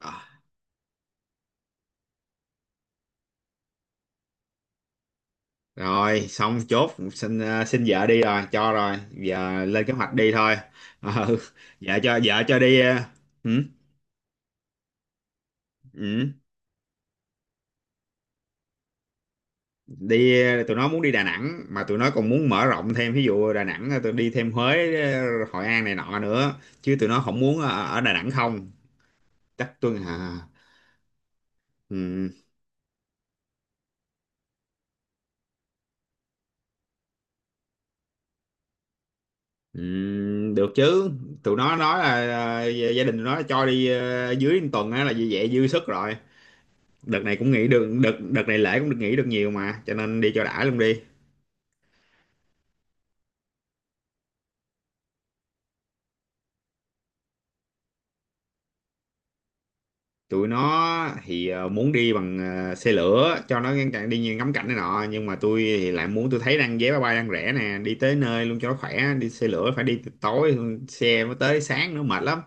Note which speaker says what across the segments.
Speaker 1: À, rồi xong chốt xin vợ đi rồi cho rồi giờ lên kế hoạch đi thôi. Ờ, ừ, vợ cho đi ừ, ừ, đi tụi nó muốn đi Đà Nẵng, mà tụi nó còn muốn mở rộng thêm, ví dụ Đà Nẵng tụi đi thêm Huế, Hội An này nọ nữa, chứ tụi nó không muốn ở Đà Nẵng không. Chắc tôi à, ừ, ừ, được chứ. Tụi nó nói là gia gia đình tụi nó cho đi dưới một tuần á là như vậy dư sức rồi. Đợt này cũng nghỉ được, đợt đợt này lễ cũng được nghỉ được nhiều mà, cho nên đi cho đã luôn đi. Tụi nó thì muốn đi bằng xe lửa cho nó ngăn chặn, đi ngắm cảnh này nọ, nhưng mà tôi thì lại muốn, tôi thấy đang vé máy bay đang rẻ nè, đi tới nơi luôn cho nó khỏe. Đi xe lửa phải đi từ tối, xe mới tới sáng, nữa mệt lắm.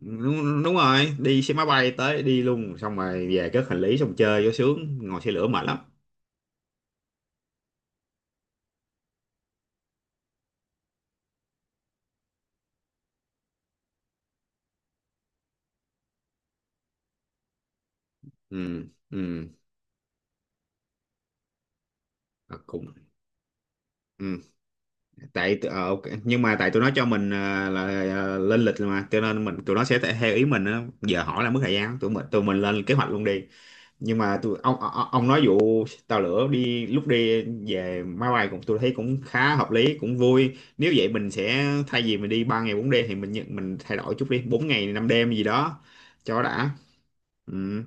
Speaker 1: Đúng, đúng rồi, đi xe máy bay tới đi luôn, xong rồi về cất hành lý, xong chơi vô sướng. Ngồi xe lửa mệt lắm. Ừ, ừ, cũng ừ. Tại ok. Nhưng mà tại tụi nó cho mình là lên lịch rồi mà, cho nên mình tụi nó sẽ theo ý mình á. Giờ hỏi là mất thời gian, tụi mình lên kế hoạch luôn đi. Nhưng mà tụi ông nói vụ tàu lửa đi, lúc đi về máy bay, cũng tôi thấy cũng khá hợp lý cũng vui. Nếu vậy mình sẽ, thay vì mình đi 3 ngày 4 đêm thì mình mình thay đổi chút đi 4 ngày 5 đêm gì đó cho đã. Ừ,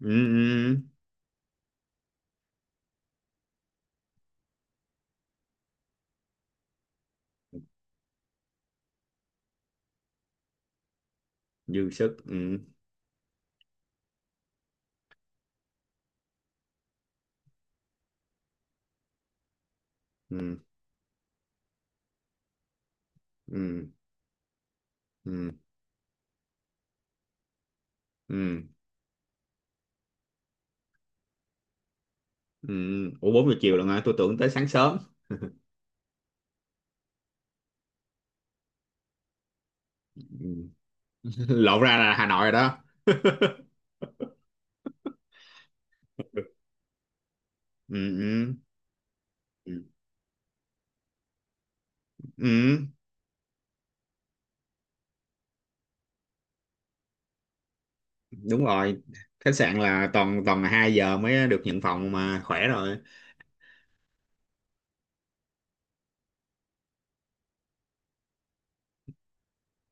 Speaker 1: ừ, ừ, ừ. Dư sức. Ừ, ừ, ừ, ừ, ừ, ừ. Ủa, 4 giờ chiều là hả? Tôi tưởng tới sáng sớm. Ừ. Lộn ra là Hà Nội rồi đó. Ừ, ừ, ừ, ừ, đúng rồi. Khách sạn là toàn toàn là 2 giờ mới được nhận phòng, mà khỏe rồi.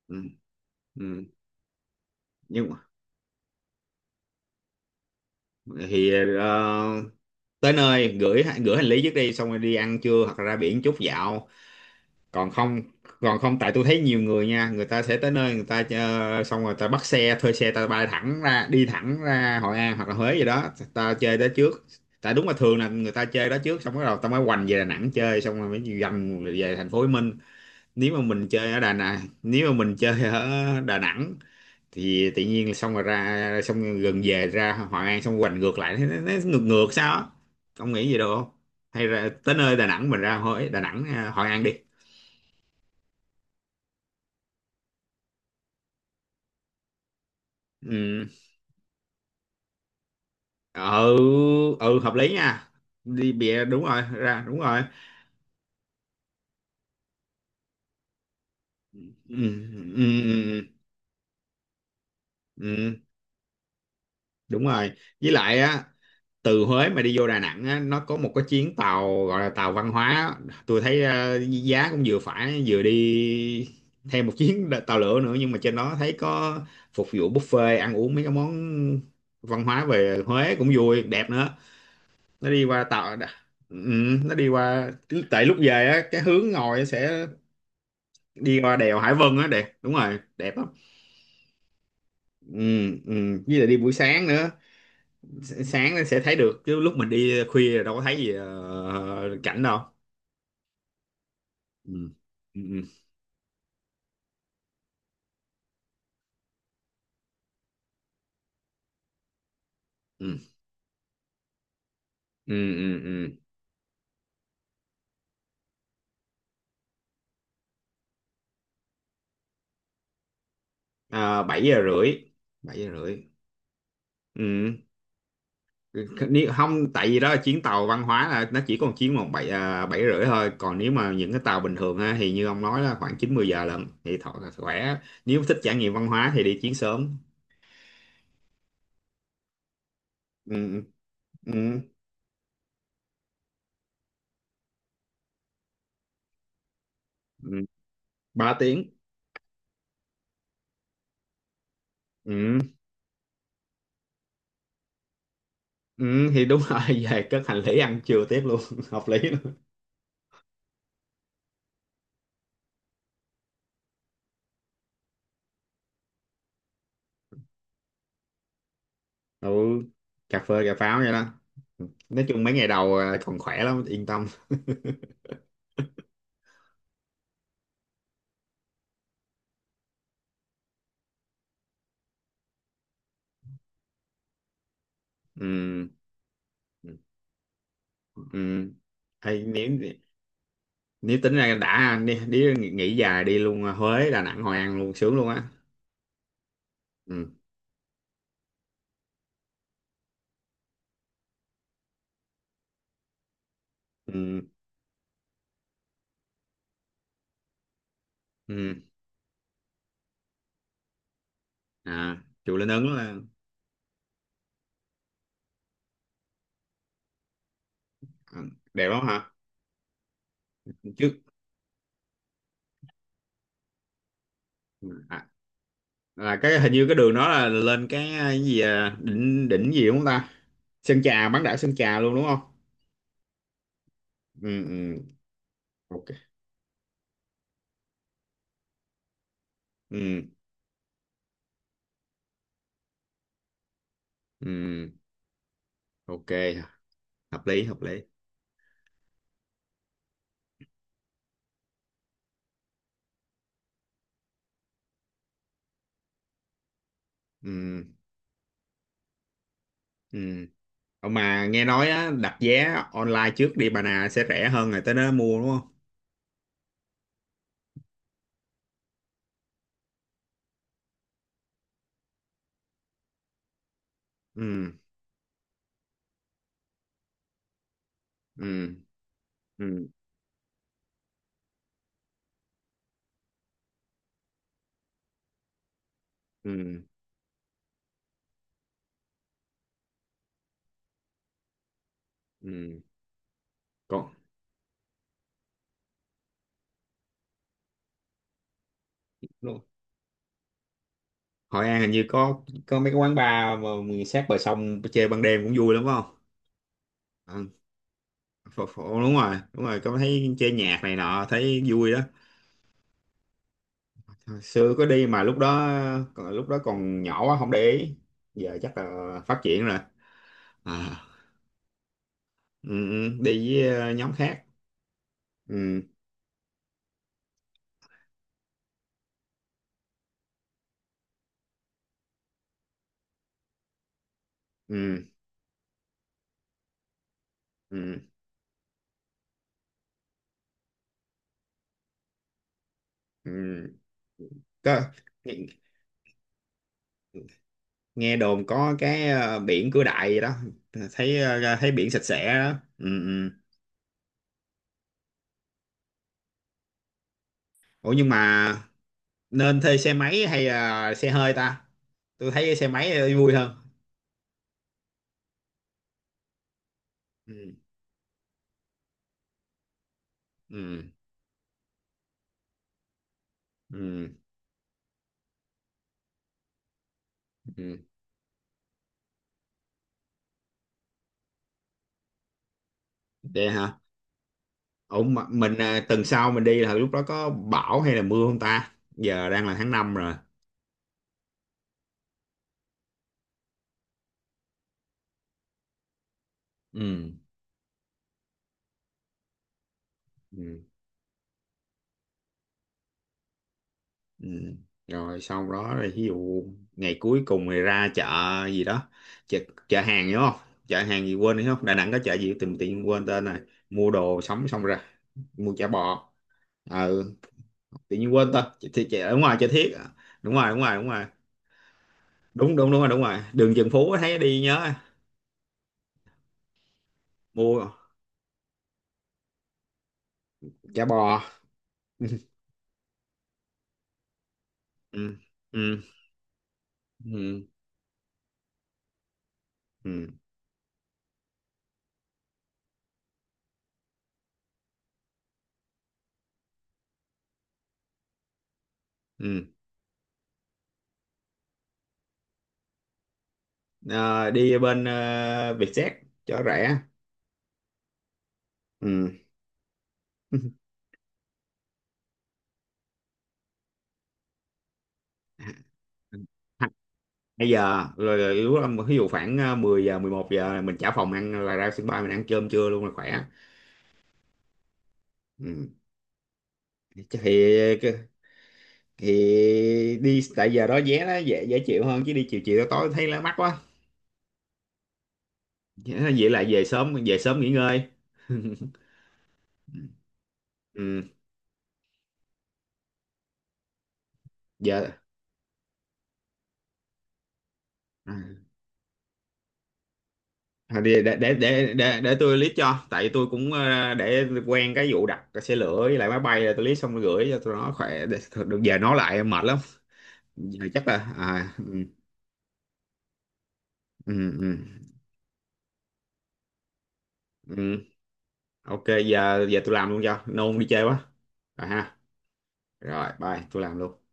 Speaker 1: Ừ, ừ. nhưng mà- thì ờ, tới nơi gửi gửi hành lý trước, đi xong rồi đi ăn trưa hoặc là ra biển chút dạo. Còn không còn không tại tôi thấy nhiều người nha, người ta sẽ tới nơi, người ta xong rồi ta bắt xe thuê xe, ta bay thẳng ra, đi thẳng ra Hội An hoặc là Huế gì đó, ta chơi đó trước. Tại đúng là thường là người ta chơi đó trước, xong bắt đầu ta mới hoành về Đà Nẵng chơi, xong rồi mới dần về thành phố Hồ Chí Minh. Nếu mà mình chơi ở Đà Nẵng nếu mà mình chơi ở Đà Nẵng thì tự nhiên là xong rồi ra, xong rồi gần về ra Hội An, xong hoành ngược lại, nó ngược ngược sao á. Ông nghĩ gì được không? Hay là tới nơi Đà Nẵng mình ra Huế, Đà Nẵng, Hội An đi. Ừ. Ừ, ừ, hợp lý nha. Đi bịa đúng rồi, ra đúng rồi. Ừ, ừ, ừ, ừ, ừ, đúng rồi. Với lại á, từ Huế mà đi vô Đà Nẵng á, nó có một cái chuyến tàu gọi là tàu văn hóa á. Tôi thấy giá cũng vừa phải, vừa đi thêm một chuyến tàu lửa nữa, nhưng mà trên đó thấy có phục vụ buffet ăn uống mấy cái món văn hóa về Huế, cũng vui đẹp nữa. Nó đi qua tàu Ừ, nó đi qua, tại lúc về á cái hướng ngồi sẽ đi qua đèo Hải Vân á đẹp. Đúng rồi, đẹp lắm. Ừ, ừ. Với lại đi buổi sáng nữa. Sáng nó sẽ thấy được, chứ lúc mình đi khuya là đâu có thấy gì cảnh đâu. Ừ. Ừ. Ừ. Ừ. Ừ. Ừ. Ừ. À, 7 giờ rưỡi, 7 giờ rưỡi. Ừ. Không, tại vì đó là chuyến tàu văn hóa là nó chỉ còn chuyến bảy à, bảy rưỡi thôi. Còn nếu mà những cái tàu bình thường ha, thì như ông nói là khoảng chín mười giờ lận thì thọ là khỏe. Nếu thích trải nghiệm văn hóa thì đi chuyến sớm. Ừ. Ừ. Ừ. Ừ, 3 tiếng. Ừ, Ừ, thì đúng rồi. Về cất hành lý, ăn trưa tiếp luôn. Hợp lý luôn. Ừ, cà phê cà pháo vậy đó. Nói chung mấy ngày đầu à, còn khỏe lắm yên tâm. Ừ, ừ. Hay, nếu nếu tính ra đã đi nghỉ dài đi luôn à, Huế Đà Nẵng Hội An luôn sướng luôn á. Ừ, ừ, ừ. À, chùa Linh Ứng là à, đẹp lắm hả. Trước à, là cái hình như cái đường đó là lên cái à, cái gì à, đỉnh đỉnh gì đúng không ta? Sơn Trà, bán đảo Sơn Trà luôn đúng không? Ừ, ừ. Ok. Ừ, ừ, ok, hợp lý hợp lý. Ừ, ừ. Ờ, mà nghe nói á, đặt vé online trước đi Bà Nà sẽ rẻ hơn rồi tới đó mua đúng không? Ừ, ừ, ừ, ừ, ừ, còn. Đúng. Hội An hình như có mấy cái quán bar mà sát bờ sông chơi ban đêm cũng vui lắm phải không? Ừ, phổ, phổ, đúng rồi, đúng rồi, có thấy chơi nhạc này nọ thấy vui đó. Hồi xưa có đi mà lúc đó còn nhỏ quá không để ý. Giờ chắc là phát triển rồi. À, ừ, ừ, đi với nhóm khác. Ừ, ừ, ừ, ừ. Có, nghe, nghe đồn có cái biển Cửa Đại gì đó thấy thấy biển sạch sẽ đó. Ừ, ừ. Ủa nhưng mà nên thuê xe máy hay là xe hơi ta? Tôi thấy xe máy vui hơn. Ừ, ừ, ừ, ừ. Vậy hả? Ủa mà mình à, tuần sau mình đi là lúc đó có bão hay là mưa không ta? Giờ đang là tháng 5 rồi. Ừ. Ừ. Ừ. Rồi sau đó rồi, ví dụ ngày cuối cùng thì ra chợ gì đó, chợ, chợ hàng đúng không? Chợ hàng gì quên đúng không? Đà Nẵng có chợ gì tìm tiện quên tên này. Mua đồ sống xong ra mua chả bò. Ừ, tự nhiên quên tên chợ, Thi- chợ, đúng rồi, chợ Thiết à. Đúng rồi, đúng rồi, đúng rồi, đúng, đúng, đúng rồi, đúng rồi, đường Trần Phú thấy đi nhớ. Mua chả bò. Ừ, ừ, ừ, ừ, ừ. Ờ, đi bên Vietjet cho rẻ. Ừ. Bây giờ rồi lúc đó ví dụ khoảng 10 giờ 11 giờ là mình trả phòng, ăn là ra sân bay mình ăn cơm trưa luôn là khỏe. Ừ. thì thì đi tại giờ đó vé nó dễ dễ chịu hơn, chứ đi chiều chiều tối thấy nó mắc quá. Vậy là về sớm, về sớm nghỉ ngơi. Ừ. Giờ à, thôi để tôi list cho, tại tôi cũng để quen cái vụ đặt xe lửa với lại máy bay, là tôi list xong rồi gửi cho tụi nó khỏe. Được, giờ nói lại mệt lắm. Giờ chắc là à, ừ, ừ, ừ. Ừ. Ok, giờ giờ tôi làm luôn cho nôn đi chơi quá. Rồi ha. Rồi bye, tôi làm luôn.